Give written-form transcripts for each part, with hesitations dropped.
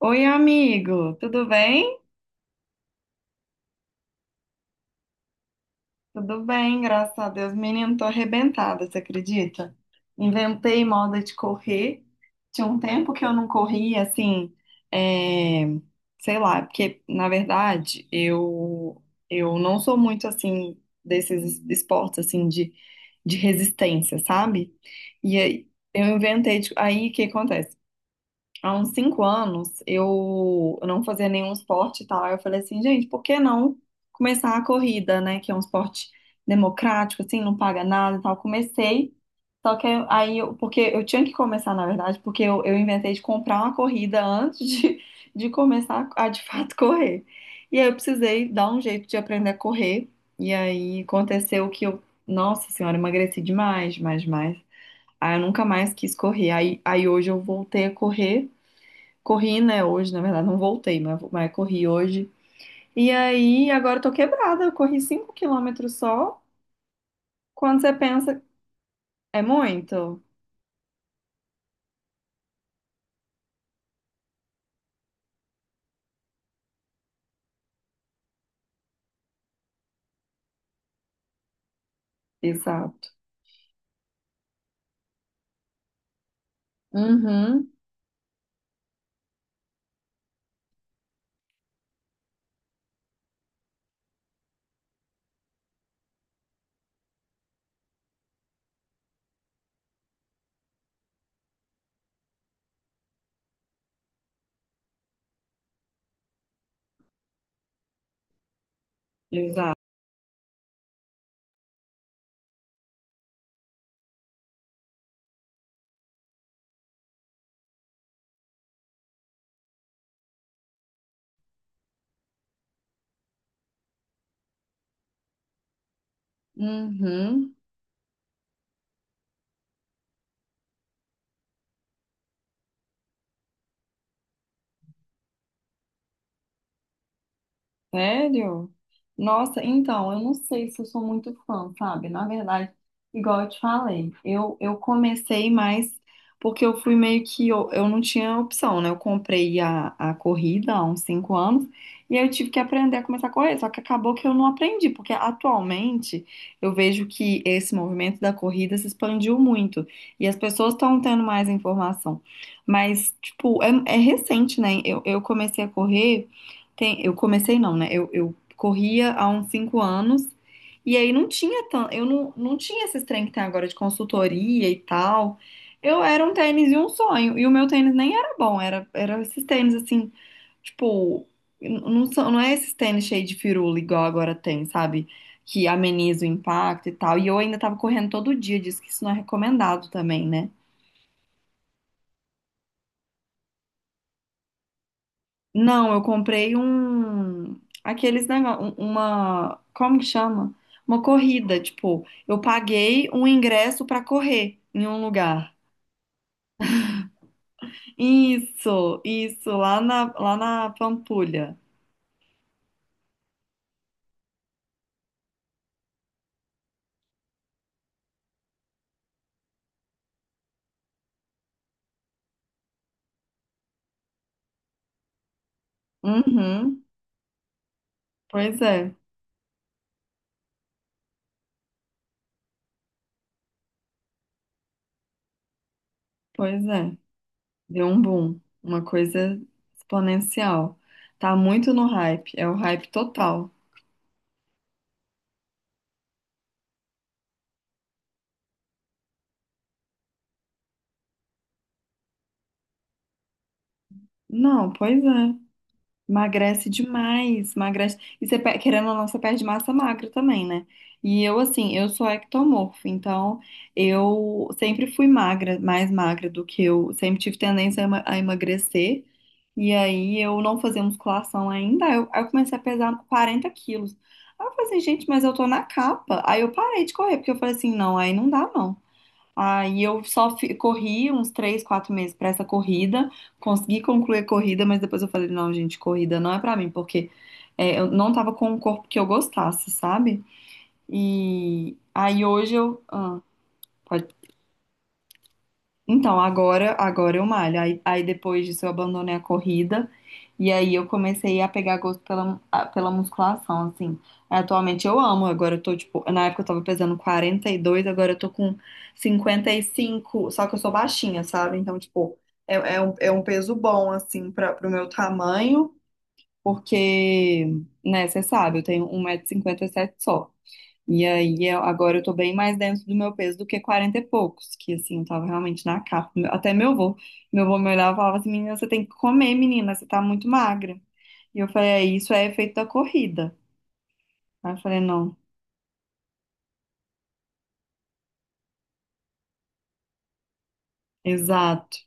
Oi, amigo, tudo bem? Tudo bem, graças a Deus. Menino, tô arrebentada, você acredita? Inventei moda de correr. Tinha um tempo que eu não corria, assim, é, sei lá, porque, na verdade, eu não sou muito, assim, desses esportes, assim, de resistência, sabe? E aí, eu inventei, aí, o que acontece? Há uns 5 anos eu não fazia nenhum esporte e tal. Aí eu falei assim, gente, por que não começar a corrida, né? Que é um esporte democrático, assim, não paga nada e tal. Comecei, só que porque eu tinha que começar, na verdade, porque eu inventei de comprar uma corrida antes de começar a de fato correr. E aí eu precisei dar um jeito de aprender a correr. E aí aconteceu que nossa senhora, emagreci demais, demais, demais. Aí eu nunca mais quis correr. Aí hoje eu voltei a correr. Corri, né, hoje, na verdade, não voltei, mas corri hoje. E aí, agora eu tô quebrada, eu corri 5 quilômetros só. Quando você pensa, é muito? Exato. Uhum. Exato. Uhum. Sério? Nossa, então, eu não sei se eu sou muito fã, sabe? Na verdade, igual eu te falei, eu comecei mais porque eu fui meio que. Eu não tinha opção, né? Eu comprei a corrida há uns 5 anos e aí eu tive que aprender a começar a correr. Só que acabou que eu não aprendi, porque atualmente eu vejo que esse movimento da corrida se expandiu muito e as pessoas estão tendo mais informação. Mas, tipo, é recente, né? Eu comecei a correr. Tem, eu comecei não, né? Eu corria há uns 5 anos e aí não tinha tanto, eu não, não tinha esses trem que tem agora de consultoria e tal. Eu era um tênis e um sonho. E o meu tênis nem era bom, era esses tênis assim, tipo, não, são, não é esses tênis cheio de firula igual agora tem, sabe? Que ameniza o impacto e tal. E eu ainda tava correndo todo dia, diz que isso não é recomendado também, né? Não, eu comprei um. Aqueles negócios. Uma. Como que chama? Uma corrida. Tipo, eu paguei um ingresso pra correr em um lugar. Isso, lá na Pampulha. Uhum. Pois é, pois é. Deu um boom. Uma coisa exponencial. Tá muito no hype. É o hype total. Não, pois é. Emagrece demais, emagrece. E você, querendo ou não, você perde massa magra também, né? E eu, assim, eu sou ectomorfo, então eu sempre fui magra, mais magra do que eu. Sempre tive tendência a a emagrecer. E aí eu não fazia musculação ainda. Aí eu comecei a pesar 40 quilos. Aí eu falei assim, gente, mas eu tô na capa. Aí eu parei de correr, porque eu falei assim, não, aí não dá, não. Aí eu corri uns três, quatro meses pra essa corrida, consegui concluir a corrida, mas depois eu falei, não, gente, corrida não é pra mim, porque eu não tava com um corpo que eu gostasse, sabe? E aí hoje eu. Pode então, agora, agora eu malho. Aí depois disso eu abandonei a corrida e aí eu comecei a pegar gosto pela, pela musculação, assim. Atualmente eu amo, agora eu tô, tipo, na época eu tava pesando 42, agora eu tô com 55, só que eu sou baixinha, sabe? Então, tipo, é um peso bom, assim, pro meu tamanho, porque, né, você sabe, eu tenho 1,57 m só. E aí, agora eu tô bem mais dentro do meu peso do que 40 e poucos, que assim, eu tava realmente na capa. Até meu avô me olhava e falava assim, menina, você tem que comer, menina, você tá muito magra. E eu falei, é, isso é efeito da corrida. Aí eu falei, não, exato.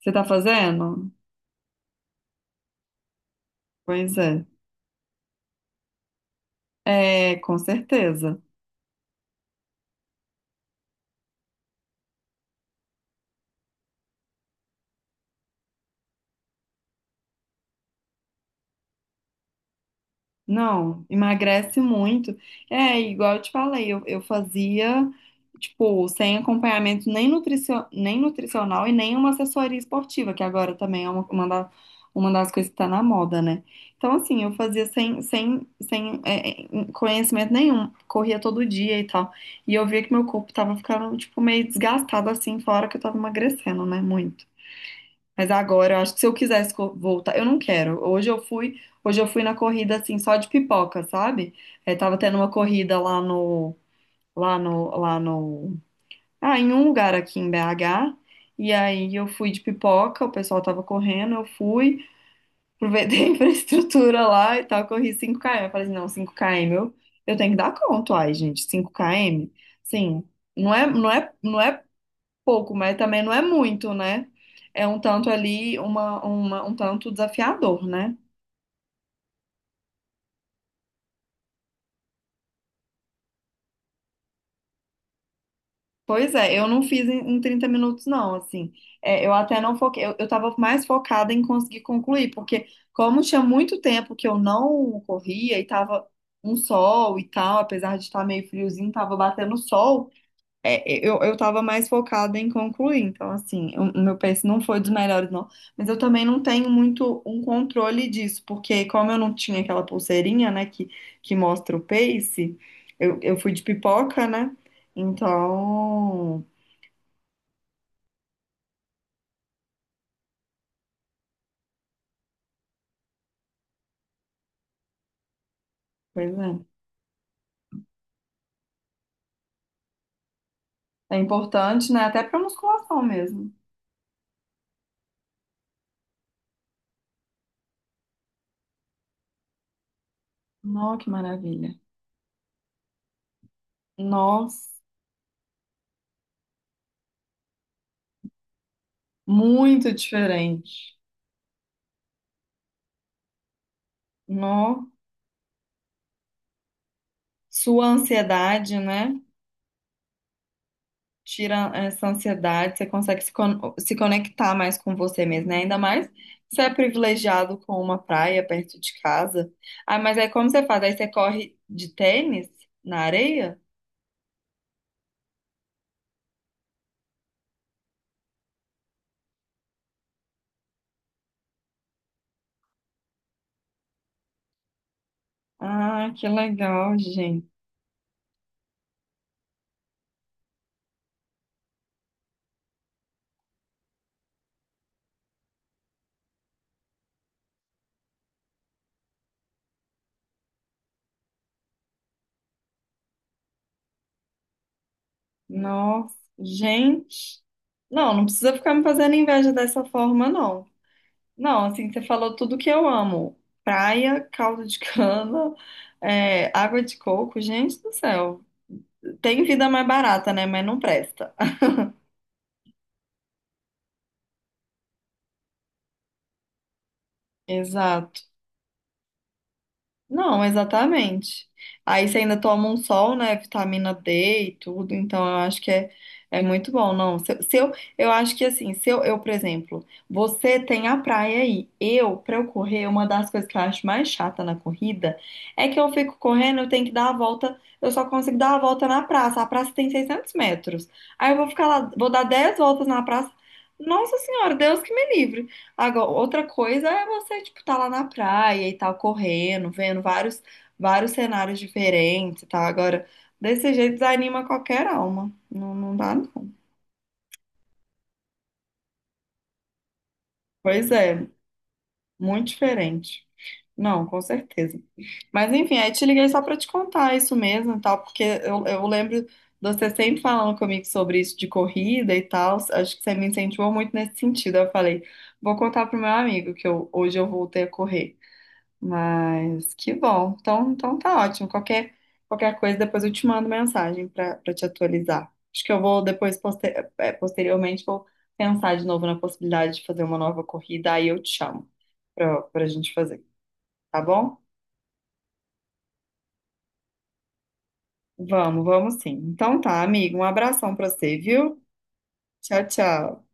Você tá fazendo? Pois é. É, com certeza. Não, emagrece muito. É, igual eu te falei, eu fazia, tipo, sem acompanhamento nem nutricional e nem uma assessoria esportiva, que agora também é uma das coisas que tá na moda, né? Então, assim, eu fazia sem é, conhecimento nenhum, corria todo dia e tal. E eu via que meu corpo tava ficando, tipo, meio desgastado, assim, fora que eu tava emagrecendo, né? Muito. Mas agora eu acho que se eu voltar, eu não quero. Hoje eu fui na corrida assim só de pipoca, sabe? É, tava tendo uma corrida lá no, ah, em um lugar aqui em BH. E aí eu fui de pipoca, o pessoal tava correndo, eu fui, aproveitei a infraestrutura lá e tal, corri cinco km. Eu falei assim, não, eu tenho que dar conta, ai, gente, cinco km. Sim, não é pouco, mas também não é muito, né? É um tanto ali, um tanto desafiador, né? Pois é, eu não fiz em 30 minutos, não, assim. É, eu até não foquei, eu tava mais focada em conseguir concluir, porque como tinha muito tempo que eu não corria e tava um sol e tal, apesar de estar meio friozinho, tava batendo sol, eu tava mais focada em concluir, então assim, o meu pace não foi dos melhores, não. Mas eu também não tenho muito um controle disso, porque como eu não tinha aquela pulseirinha, né, que mostra o pace, eu fui de pipoca, né? Então, pois é. É importante, né? Até pra musculação mesmo. Nó, que maravilha. Nossa, muito diferente. Nó, sua ansiedade, né? Tira essa ansiedade, você consegue se conectar mais com você mesmo, né? Ainda mais se é privilegiado com uma praia perto de casa. Ah, mas aí como você faz? Aí você corre de tênis na areia? Ah, que legal, gente. Nossa, gente. Não, não precisa ficar me fazendo inveja dessa forma, não. Não, assim, você falou tudo que eu amo. Praia, caldo de cana, água de coco, gente do céu. Tem vida mais barata, né? Mas não presta. Exato. Não, exatamente. Aí você ainda toma um sol, né? Vitamina D e tudo, então eu acho que é, é muito bom. Não, se, eu, se eu Eu acho que assim, se eu, eu, por exemplo, você tem a praia aí. Eu, pra eu correr, uma das coisas que eu acho mais chata na corrida é que eu fico correndo, eu tenho que dar a volta, eu só consigo dar a volta na praça. A praça tem 600 metros. Aí eu vou ficar lá, vou dar 10 voltas na praça. Nossa Senhora, Deus que me livre. Agora, outra coisa é você, tipo, tá lá na praia e tal, correndo, vendo vários, vários cenários diferentes e tal. Agora, desse jeito desanima qualquer alma. Não, não dá, não. Pois é, muito diferente. Não, com certeza. Mas enfim, aí te liguei só pra te contar isso mesmo e tal, porque eu lembro de você sempre falando comigo sobre isso de corrida e tal. Acho que você me incentivou muito nesse sentido. Eu falei, vou contar pro meu amigo que eu, hoje eu voltei a correr. Mas que bom. Então, então tá ótimo. Qualquer, qualquer coisa, depois eu te mando mensagem para te atualizar. Acho que eu vou depois, posteriormente, vou pensar de novo na possibilidade de fazer uma nova corrida, aí eu te chamo para a gente fazer, tá bom? Vamos, vamos sim. Então tá, amigo. Um abração para você, viu? Tchau, tchau.